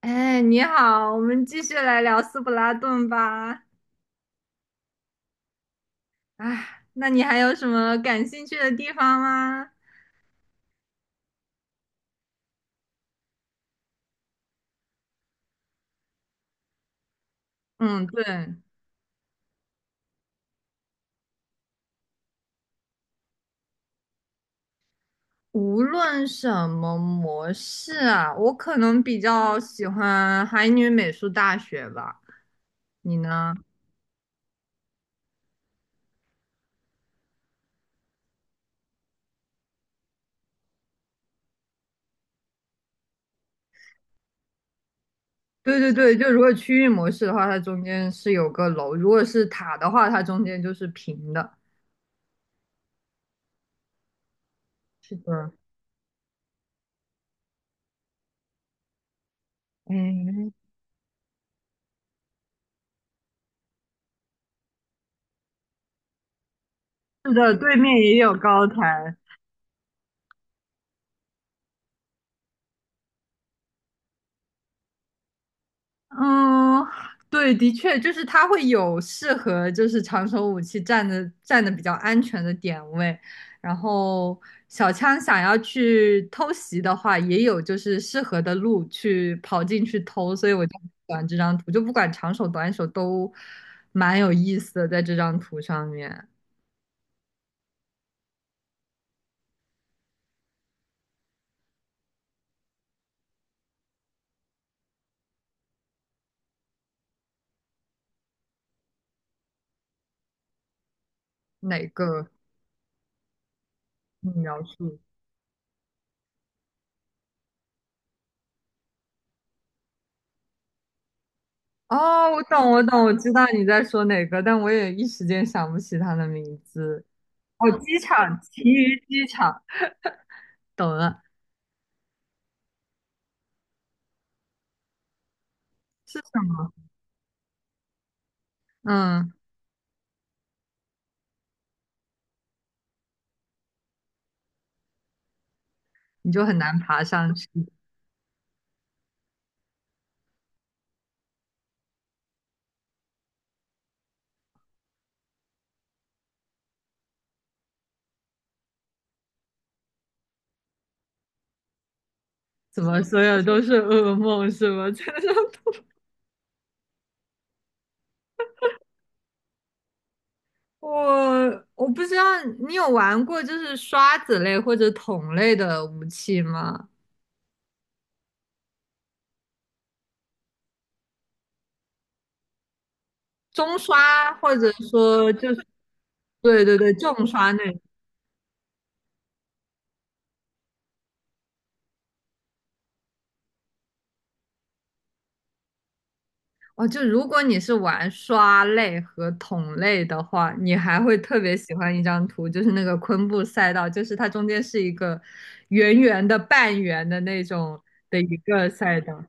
哎，你好，我们继续来聊斯普拉顿吧。哎，那你还有什么感兴趣的地方吗？嗯，对，无论什么模式啊，我可能比较喜欢海女美术大学吧。你呢？对对对，就如果区域模式的话，它中间是有个楼；如果是塔的话，它中间就是平的。是的，嗯，是的，对面也有高台。嗯，对，的确，就是它会有适合就是长手武器站的比较安全的点位，然后小枪想要去偷袭的话，也有就是适合的路去跑进去偷，所以我就很喜欢这张图，就不管长手短手都蛮有意思的，在这张图上面哪个你描述？哦，我懂，我懂，我知道你在说哪个，但我也一时间想不起它的名字。哦，机场，奇余机场。懂了，是什么？嗯，你就很难爬上去。怎么所有都是噩梦是吗？在那上我不知道你有玩过就是刷子类或者桶类的武器吗？中刷或者说就是对对对重刷那种哦，就如果你是玩刷类和桶类的话，你还会特别喜欢一张图，就是那个昆布赛道，就是它中间是一个圆圆的半圆的那种的一个赛道。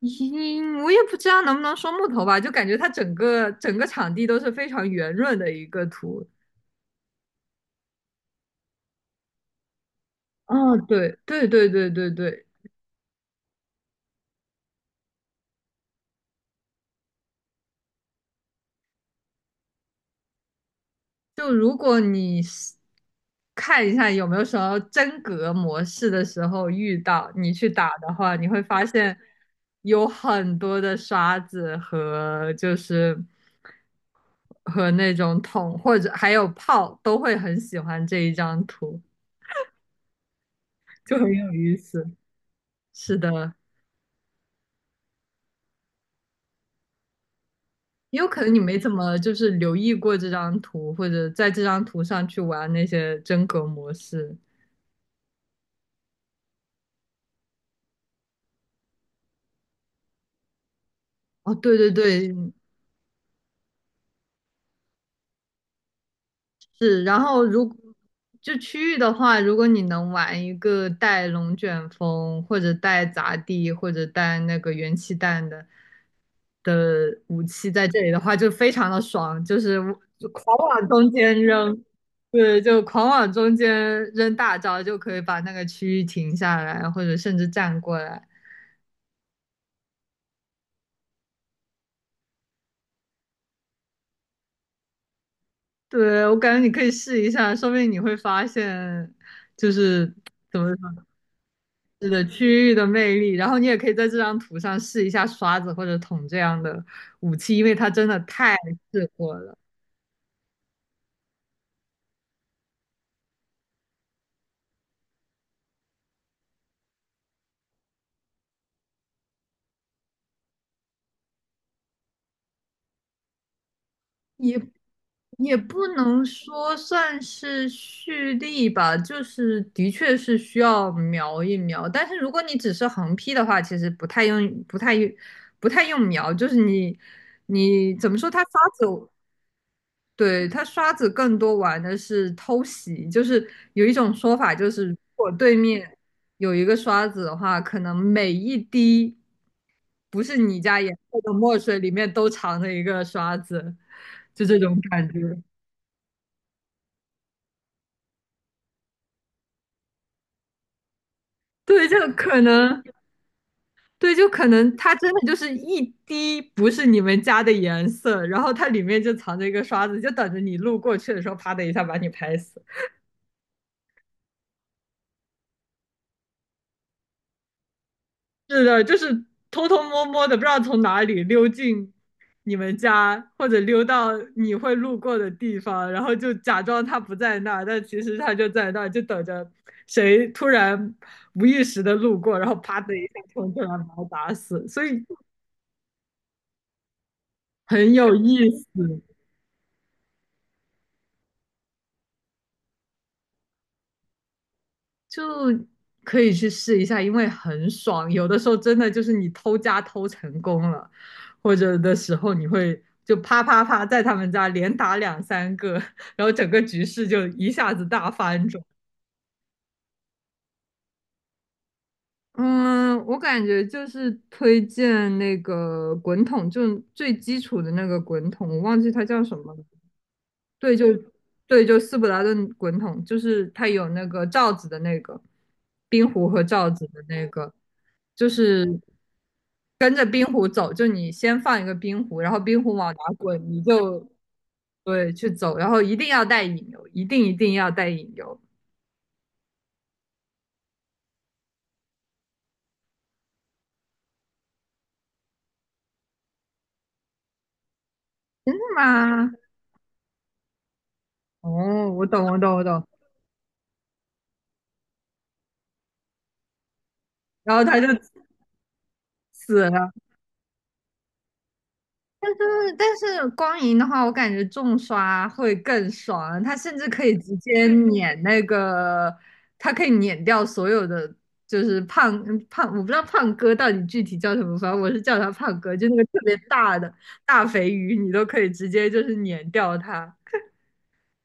嗯，我也不知道能不能说木头吧，就感觉它整个整个场地都是非常圆润的一个图。哦，对对对对对对，就如果你是看一下有没有什么真格模式的时候遇到，你去打的话，你会发现有很多的刷子和就是和那种桶或者还有炮都会很喜欢这一张图，就很有意思。是的，也有可能你没怎么就是留意过这张图，或者在这张图上去玩那些真格模式。哦，对对对，是。然后如就区域的话，如果你能玩一个带龙卷风，或者带砸地，或者带那个元气弹的武器在这里的话，就非常的爽，就是就狂往中间扔，对，就狂往中间扔大招，就可以把那个区域停下来，或者甚至站过来。对，我感觉你可以试一下，说不定你会发现，就是怎么说，是的，区域的魅力。然后你也可以在这张图上试一下刷子或者桶这样的武器，因为它真的太适合了。也也不能说算是蓄力吧，就是的确是需要瞄一瞄。但是如果你只是横劈的话，其实不太用瞄，就是你怎么说，它刷子。对，他刷子更多玩的是偷袭，就是有一种说法，就是如果对面有一个刷子的话，可能每一滴不是你家颜色的墨水里面都藏着一个刷子，就这种感觉。对，就可能，对，就可能它真的就是一滴不是你们家的颜色，然后它里面就藏着一个刷子，就等着你路过去的时候，啪的一下把你拍死。是的，就是偷偷摸摸的，不知道从哪里溜进你们家，或者溜到你会路过的地方，然后就假装他不在那儿，但其实他就在那儿，就等着谁突然无意识的路过，然后啪的一下冲进来把他打死，所以很有意思，就可以去试一下，因为很爽，有的时候真的就是你偷家偷成功了。或者的时候，你会就啪啪啪在他们家连打两三个，然后整个局势就一下子大翻转。嗯，我感觉就是推荐那个滚筒，就最基础的那个滚筒，我忘记它叫什么了。对，就对，就斯普达顿滚筒，就是它有那个罩子的那个冰壶和罩子的那个，就是跟着冰壶走，就你先放一个冰壶，然后冰壶往哪滚，你就对去走，然后一定要带引流，一定一定要带引流，是吗？哦，我懂，我懂，我懂。然后他就死了，但是光影的话，我感觉重刷会更爽，它甚至可以直接碾那个，它可以碾掉所有的，就是我不知道胖哥到底具体叫什么，反正我是叫他胖哥，就那个特别大的大肥鱼，你都可以直接就是碾掉它，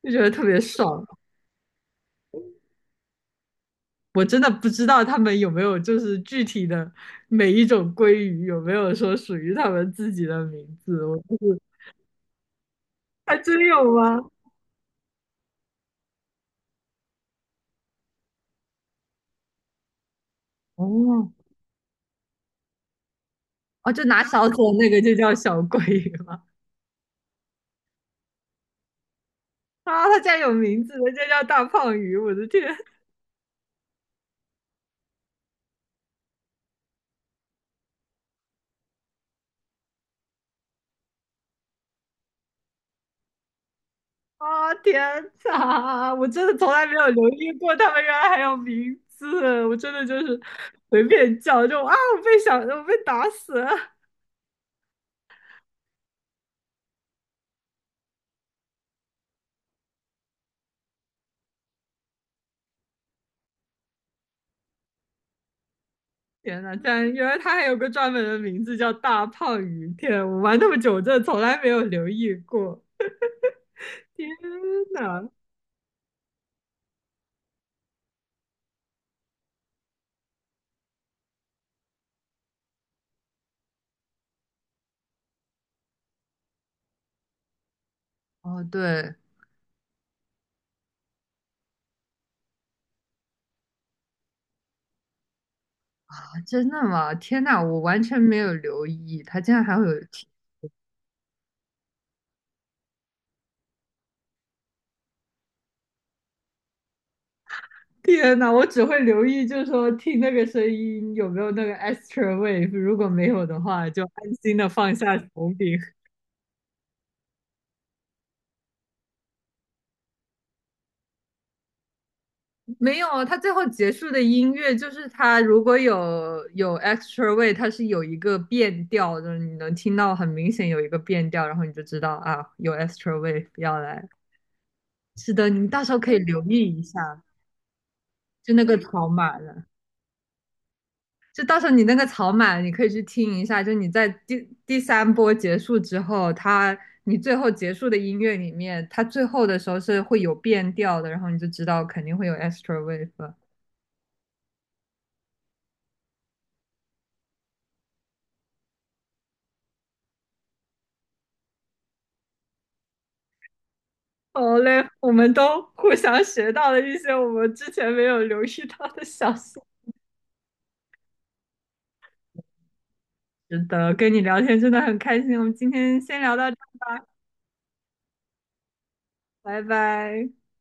就觉得特别爽。我真的不知道他们有没有就是具体的每一种鲑鱼有没有说属于他们自己的名字，我就是还真有吗？哦，哦，就拿勺子的那个就叫小鲑鱼吗？啊，它竟然有名字的，人家叫大胖鱼！我的天啊，天哪！我真的从来没有留意过，他们原来还有名字。我真的就是随便叫，就啊，我被小，我被打死了！天哪，竟然原来它还有个专门的名字叫大胖鱼！天，我玩那么久，我真的从来没有留意过。天哪！哦，对啊，真的吗？天哪，我完全没有留意，它竟然还会有 天呐，我只会留意，就是说听那个声音有没有那个 extra wave，如果没有的话，就安心的放下手柄。没有，它最后结束的音乐就是它如果有 extra wave，它是有一个变调的，就是你能听到很明显有一个变调，然后你就知道啊，有 extra wave 要来。是的，你到时候可以留意一下，就那个条码了。就到时候你那个草满，你可以去听一下。就你在第三波结束之后，它你最后结束的音乐里面，它最后的时候是会有变调的，然后你就知道肯定会有 extra wave。 好嘞，我们都互相学到了一些我们之前没有留意到的小细节。是的，跟你聊天真的很开心。我们今天先聊到这，拜拜。